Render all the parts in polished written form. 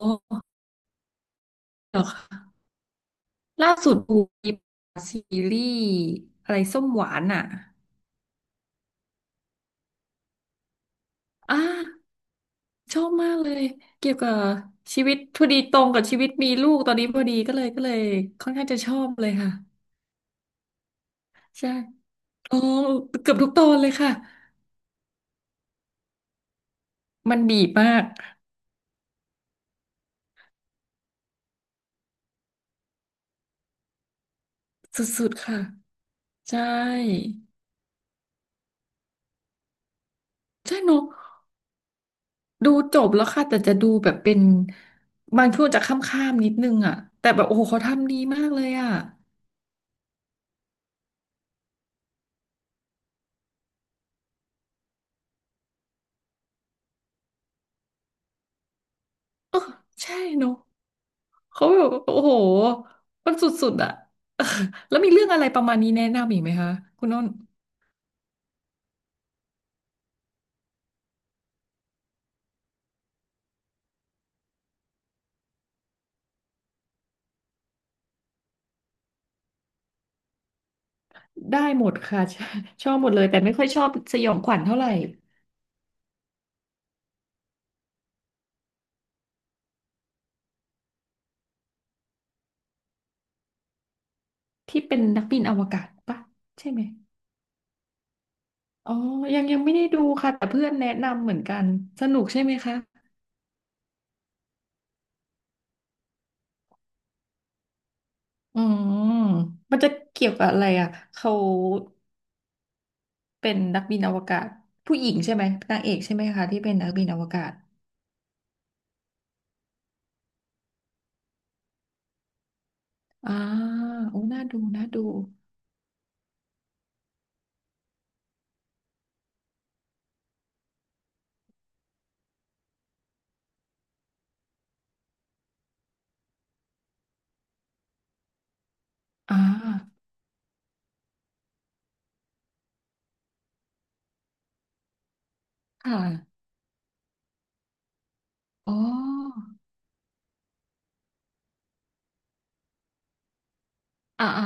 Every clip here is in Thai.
โอ้เหรอคะล่าสุดดูมีซีรีส์อะไรส้มหวานอ่ะอ่าชอบมากเลยเกี่ยวกับชีวิตพอดีตรงกับชีวิตมีลูกตอนนี้พอดีก็เลยค่อนข้างจะชอบเลยค่ะใช่อ๋อเกือบทุกตอนเลยค่ะมันบีบมากสุดๆค่ะใช่ใช่เนอะดูจบแล้วค่ะแต่จะดูแบบเป็นบางช่วงจะข้ามๆนิดนึงอ่ะแต่แบบโอ้โหเขาทำดีมากเลยอ่ะเออใช่เนอะ เขาแบบโอ้โหมันสุดๆอะ เออแล้วมีเรื่องอะไรประมาณนี้แนะนำอีกไหมคะคุณน้นได้หมดค่ะ ชอบชอบหมดเลยแต่ไม่ค่อยชอบสยองขวัญเท่าไหร่ที่เป็นนักบินอวกาศปะใช่ไหมอ๋อยังไม่ได้ดูค่ะแต่เพื่อนแนะนำเหมือนกันสนุกใช่ไหมคะอืมมันจะเกี่ยวกับอะไรอ่ะเขาเป็นนักบินอวกาศผู้หญิงใช่ไหมนางเอกใช่ไหมคะที่เป็นนักบินอวกาศอ่าโอ้น่าดูน่าดูอ่าค่ะ อ๋ออ่าอ่า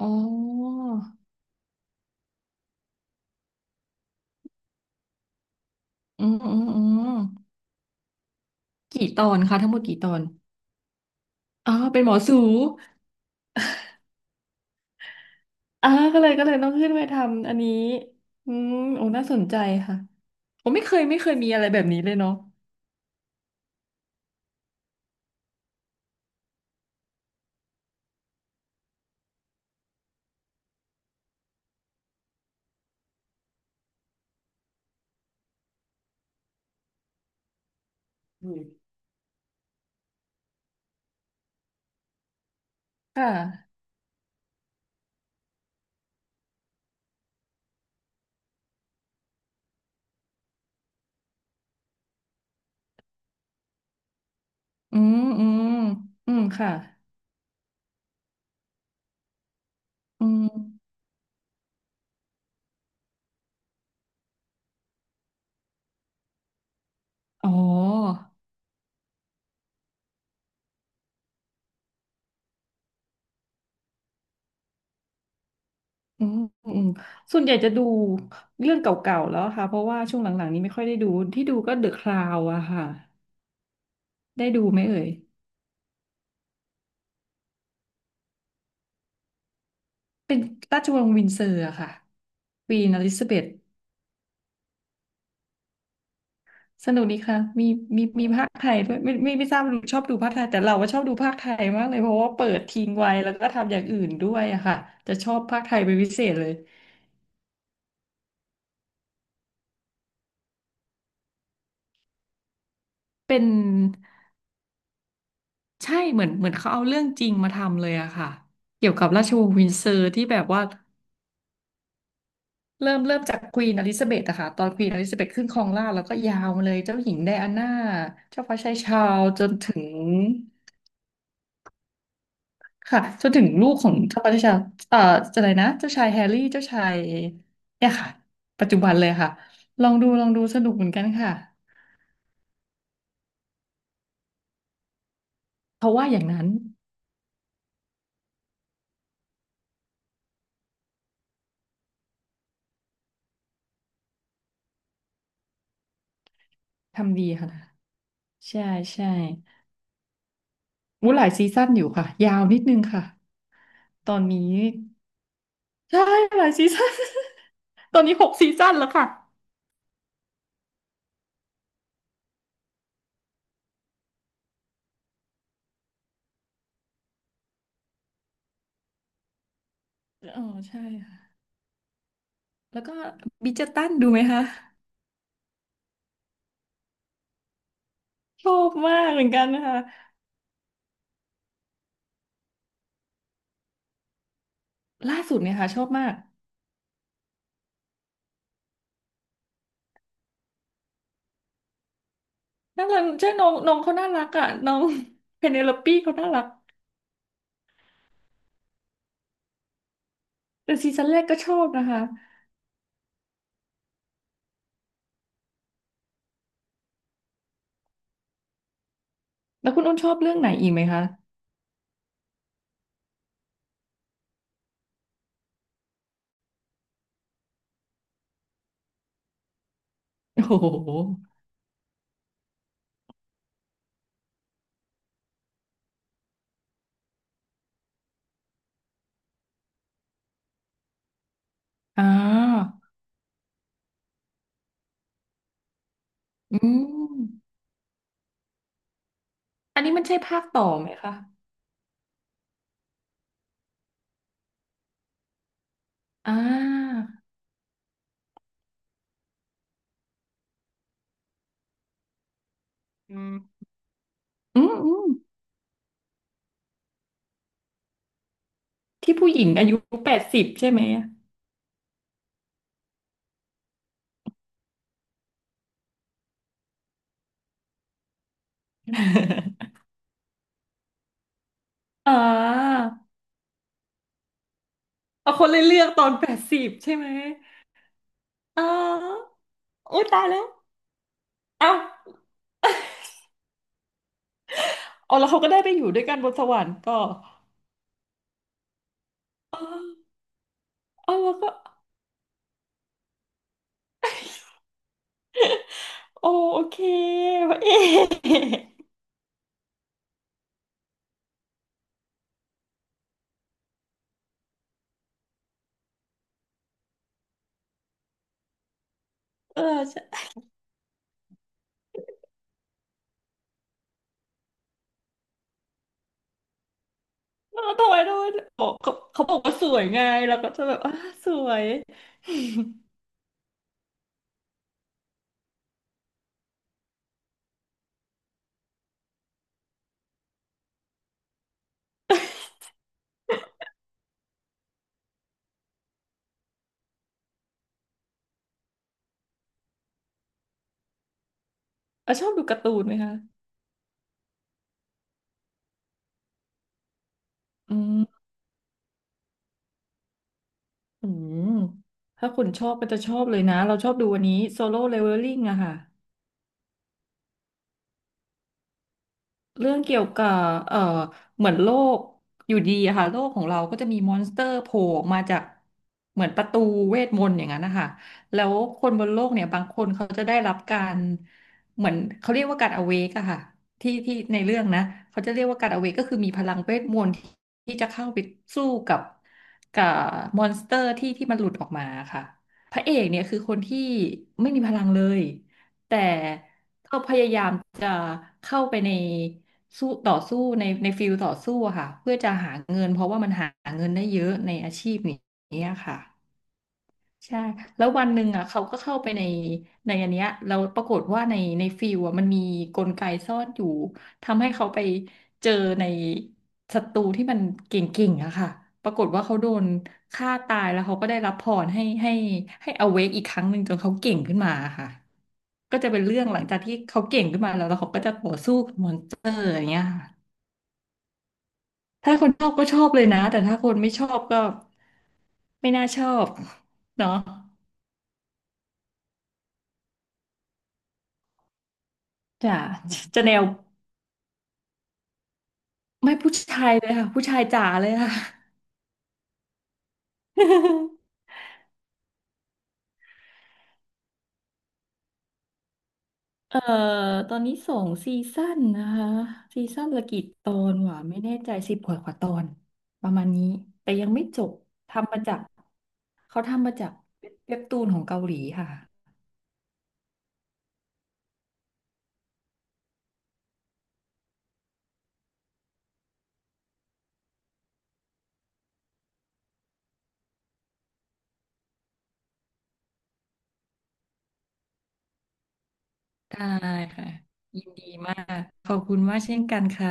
อ๋ออืมอืมอืมกี่ตอนคะทั้งหมดกี่ตอน อ๋อเป็นหมอสูอ่าก็เลยต้องขึ้นไปทำอันนี้อืมโอ้น่าสนใจค่ะผมไม่เคยมีอะไรแบบนี้เลยเนาะอืมค่ะอืมอืมอืมค่ะอืมอ๋ออืมอืมส่วนใหญ่จะดูเรื่องเก่าๆแล้วค่ะเพราะว่าช่วงหลังๆนี้ไม่ค่อยได้ดูที่ดูก็เดอะคราวอะค่ะได้ดูไหมเอ่ย เป็นราชวงศ์วินเซอร์อะค่ะควีนอลิซาเบธสนุกดีค่ะ มีมีภาคไทยด้วยไม่ไม่ทราบว่าชอบดูภาคไทยแต่เราว่าชอบดูภาคไทยมากเลยเพราะว่าเปิดทิ้งไว้แล้วก็ทำอย่างอื่นด้วยอะค่ะจะชอบภาคไทยเป็นพิเศษเลยเป็นใช่เหมือนเขาเอาเรื่องจริงมาทำเลยอะค่ะเกี่ยวกับราชวงศ์วินเซอร์ที่แบบว่าเริ่มจากควีนอลิซาเบธอะค่ะตอนควีนอลิซาเบธขึ้นครองราชย์แล้วก็ยาวมาเลยเจ้าหญิงไดอาน่าเจ้าฟ้าชายชาร์ลส์จนถึง ค่ะจนถึงลูกของพระราชาเอ่ออะไรนะเจ้าชายแฮร์รี่เจ้าชายเนี่ยค่ะปัจจุบันเลยค่ะลองดูลองดูสนุกเหมือนกันค่ะเขาว่าอย่างนั้นทำดีค่ะใช่ใช่วุ้หลายซีซั่นอยู่ค่ะยาวนิดนึงค่ะตอนนี้ใช่หลายซีซั่น ตอนนี้หกซีซั่นแล้วค่ะอ๋อใช่ค่ะแล้วก็บิดเจอร์ตันดูไหมคะชอบมากเหมือนกันนะคะล่าสุดเนี่ยค่ะชอบมาก น่ารักใช่น้องน้องเขาน่ารักอ่ะน้อง เพเนโลอปี้เขาน่ารักแต่ซีซั่นแรกก็ชอบนะคะแล้วคุณอ้นชอบเรื่องไหนอีกไหมคะโอ้โหอ่าอืมอันนี้มันใช่ภาคต่อไหมคะอ่าอืมอืมอืมที่ผู้หญิงอายุแปดสิบใช่ไหม อ่าเอาคนเลยเลือกตอนแปดสิบใช่ไหมอ่าอุ้ยตายแล้วเอ้าเอาแล้วเขาก็ได้ไปอยู่ด้วยกันบนสวรรค์ก็อ๋ออ๋อแล้วก็ โอโอเคพระเอกเออใช่เออทำไมทำไมบอกเขาบอกว่าสวยไงเราก็จะแบบอ่าสวยอ่ะชอบดูการ์ตูนไหมคะ อืมอืมถ้าคุณชอบก็จะชอบเลยนะเราชอบดูวันนี้โซโล่เลเวลลิ่งอะค่ะ เรื่องเกี่ยวกับเอ่อเหมือนโลกอยู่ดีอะค่ะโลกของเราก็จะมีมอนสเตอร์โผล่ออกมาจากเหมือนประตูเวทมนต์อย่างนั้นนะคะแล้วคนบนโลกเนี่ยบางคนเขาจะได้รับการเหมือนเขาเรียกว่าการอเวกอะค่ะที่ในเรื่องนะเขาจะเรียกว่าการอเวกก็คือมีพลังเวทมนต์ที่ที่จะเข้าไปสู้กับมอนสเตอร์ที่มันหลุดออกมาค่ะพระเอกเนี่ยคือคนที่ไม่มีพลังเลยแต่ ก็พยายามจะเข้าไปในสู้ต่อสู้ในฟิลต่อสู้อะค่ะเพื่อจะหาเงินเพราะว่ามันหาเงินได้เยอะในอาชีพนี้ค่ะ ใช่แล้ววันหนึ่งอ่ะเขาก็เข้าไปในอันเนี้ยเราปรากฏว่าในฟิลอ่ะมันมีกลไกซ่อนอยู่ทำให้เขาไปเจอในศัตรูที่มันเก่งๆอะค่ะปรากฏว่าเขาโดนฆ่าตายแล้วเขาก็ได้รับพรให้อเวกอีกครั้งหนึ่งจนเขาเก่งขึ้นมาค่ะก็จะเป็นเรื่องหลังจากที่เขาเก่งขึ้นมาแล้วแล้วเขาก็จะต่อสู้กับมอนสเตอร์อย่างเงี้ยค่ะถ้าคนชอบก็ชอบเลยนะแต่ถ้าคนไม่ชอบก็ไม่น่าชอบเนาะจ้ะจะแนว ไม่ผู้ชายเลยค่ะผู้ชายจ๋าเลยค่ะ เอ่อตอนนี้สองซีซั่นนะคะซีซั่นละกี่ตอนวะไม่แน่ใจสิบกว่าตอนประมาณนี้แต่ยังไม่จบทำมาจากเขาทำมาจากเว็บตูนของเกาหลีค่ะได้ค่ะยินดีมากขอบคุณมากเช่นกันค่ะ